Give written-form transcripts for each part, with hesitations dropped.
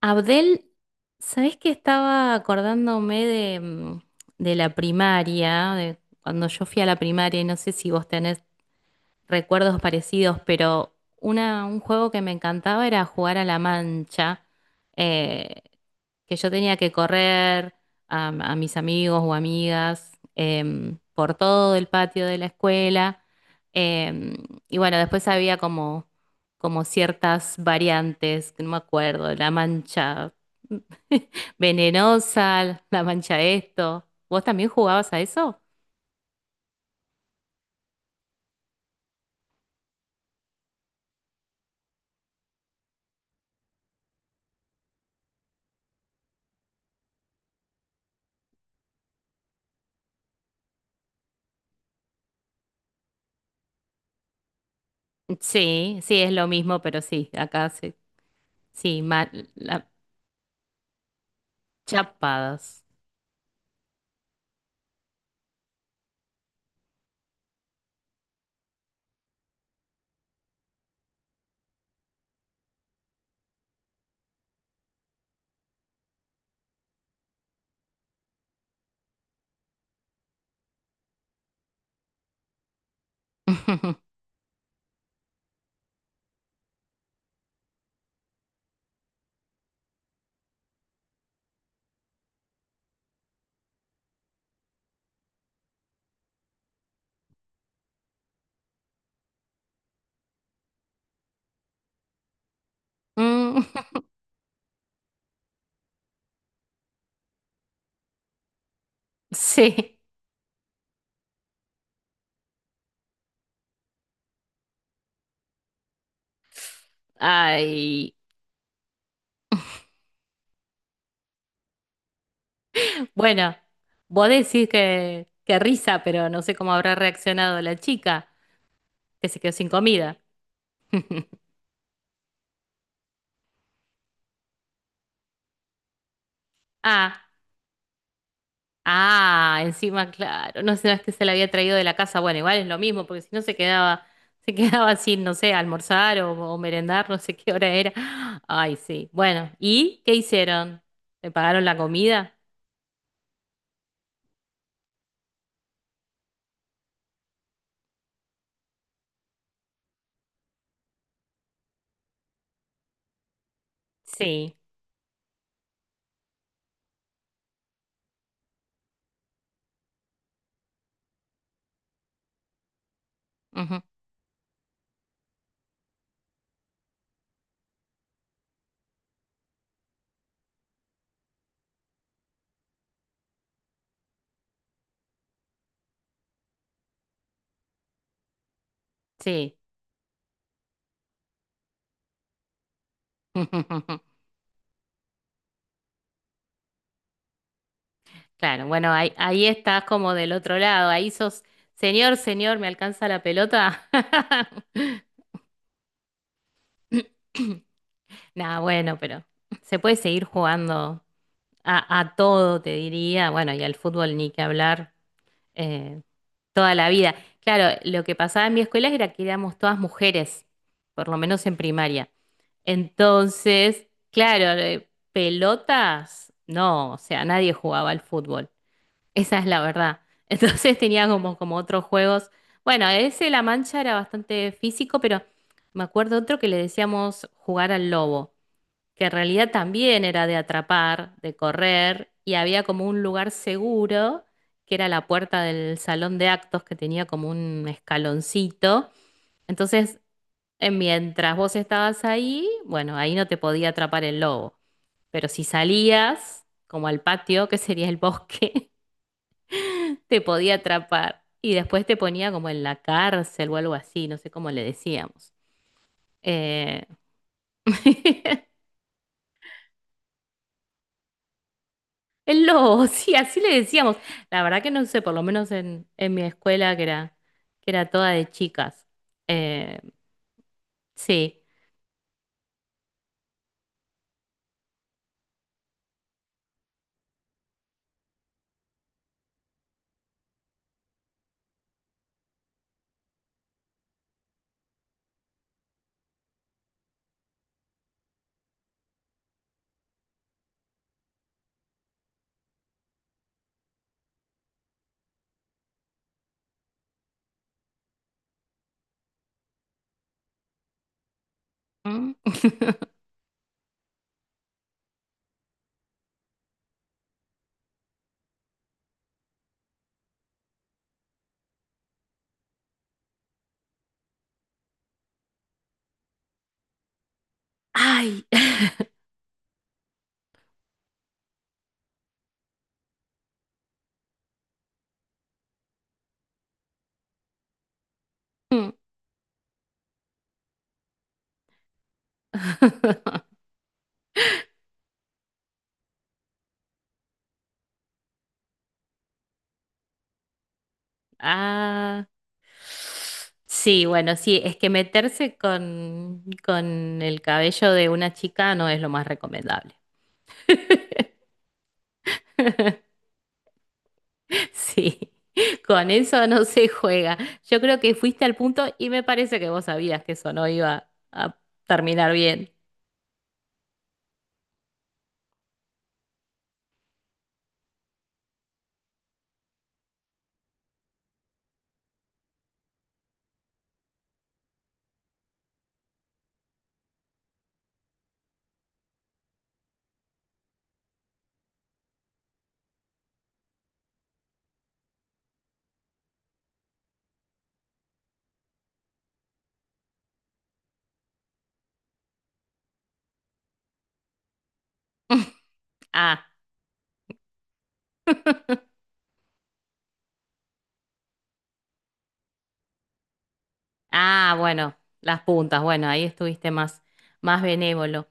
Abdel, ¿sabés que estaba acordándome de, de la primaria, de cuando yo fui a la primaria, y no sé si vos tenés recuerdos parecidos, pero un juego que me encantaba era jugar a la mancha, eh, que yo tenía que correr a mis amigos o amigas por todo el patio de la escuela. em, y bueno, después había como, como ciertas variantes, que no me acuerdo, la mancha venenosa, la mancha esto. ¿Vos también jugabas a eso? Sí, sí, es lo mismo, pero sí, acá sí. Sí, mal, chapadas. Mm, sí. Ay. Bueno, vos decís que risa, pero no sé cómo habrá reaccionado la chica que se quedó sin comida. Ah, ah, encima, claro. No sé, no es que se la había traído de la casa. Bueno, igual es lo mismo, porque si no se quedaba, se quedaba sin, no sé, almorzar o merendar, no sé qué hora era. Ay, sí. Bueno, ¿y qué hicieron? ¿Le pagaron la comida? Sí. Ujú, sí. Claro, bueno, ahí, ahí estás como del otro lado, ahí sos, señor, señor, ¿me alcanza la pelota? Nada, bueno, pero se puede seguir jugando a todo, te diría, bueno, y al fútbol ni que hablar, eh, toda la vida. Claro, lo que pasaba en mi escuela era que éramos todas mujeres, por lo menos en primaria. Entonces, claro, pelotas, no, o sea, nadie jugaba al fútbol. Esa es la verdad. Entonces tenía como, como otros juegos. Bueno, ese La Mancha era bastante físico, pero me acuerdo otro que le decíamos jugar al lobo, que en realidad también era de atrapar, de correr, y había como un lugar seguro, que era la puerta del salón de actos, que tenía como un escaloncito. Entonces, mientras vos estabas ahí, bueno, ahí no te podía atrapar el lobo, pero si salías, como al patio, que sería el bosque, te podía atrapar y después te ponía como en la cárcel o algo así, no sé cómo le decíamos. Eh, el lobo, sí, así le decíamos. La verdad que no sé, por lo menos en mi escuela que era toda de chicas. Eh, sí. Mm. Ay. Ah. Sí, bueno, sí, es que meterse con el cabello de una chica no es lo más recomendable. Sí, con eso no se juega. Yo creo que fuiste al punto y me parece que vos sabías que eso no iba a terminar bien. Ah, ah, bueno, las puntas, bueno, ahí estuviste más, más benévolo.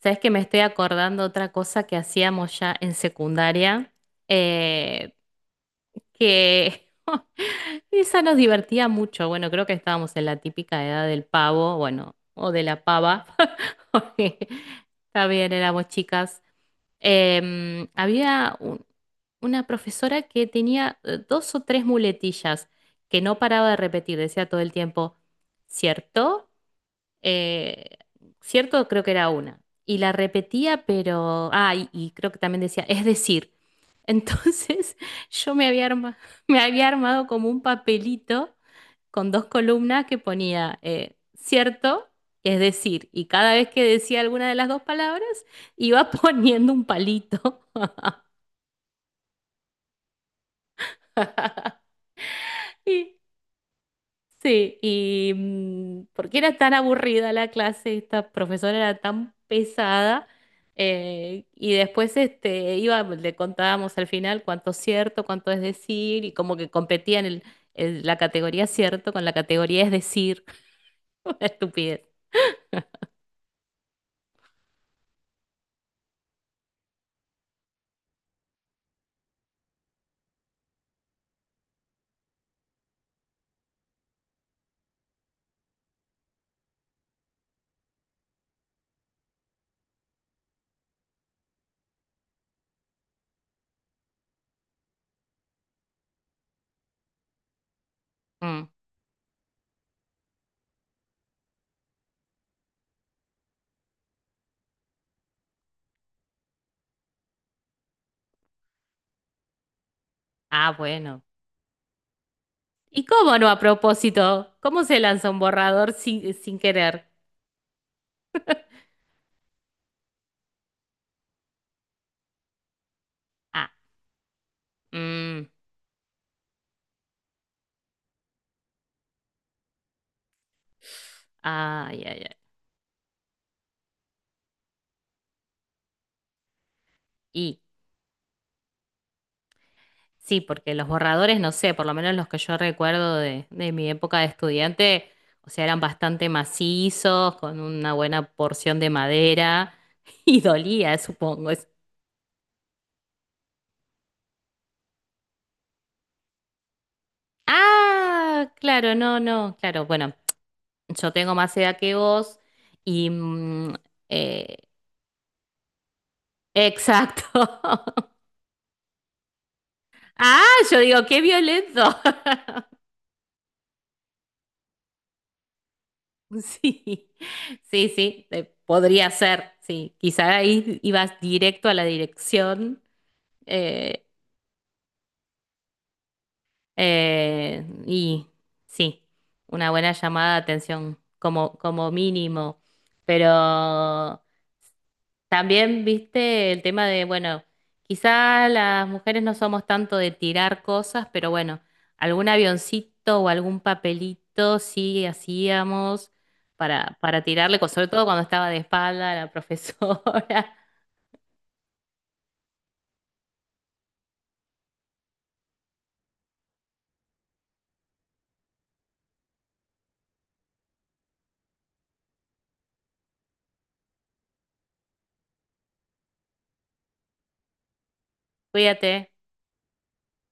¿Sabes que me estoy acordando otra cosa que hacíamos ya en secundaria? Eh, que esa nos divertía mucho. Bueno, creo que estábamos en la típica edad del pavo, bueno, o de la pava, porque también éramos chicas. Em, había un- una profesora que tenía dos o tres muletillas que no paraba de repetir, decía todo el tiempo, ¿cierto? Eh, ¿Cierto? Creo que era una. Y la repetía, pero... Ah, y creo que también decía, es decir. Entonces yo me había arma- me había armado como un papelito con dos columnas que ponía, ¿cierto? Es decir, y cada vez que decía alguna de las dos palabras, iba poniendo un palito. Sí, sí, y porque era tan aburrida la clase, esta profesora era tan pesada, y después este, iba, le contábamos al final cuánto es cierto, cuánto es decir, y como que competían la categoría cierto con la categoría es decir. Una estupidez. Mm. Ah, bueno. ¿Y cómo no a propósito? ¿Cómo se lanza un borrador sin, sin querer? Ah, mm, ay, ay, ay. Sí, porque los borradores, no sé, por lo menos los que yo recuerdo de mi época de estudiante, o sea, eran bastante macizos, con una buena porción de madera y dolía, supongo. Es- ah, claro, no, no, claro, bueno, yo tengo más edad que vos y... eh, exacto. Ah, yo digo, qué violento. Sí, sí, sí, podría ser, sí, quizá ahí ibas directo a la dirección. eh, y sí, una buena llamada de atención como, como mínimo. Pero también viste el tema de, bueno, quizás las mujeres no somos tanto de tirar cosas, pero bueno, algún avioncito o algún papelito sí hacíamos para tirarle, co- sobre todo cuando estaba de espalda la profesora. Cuídate.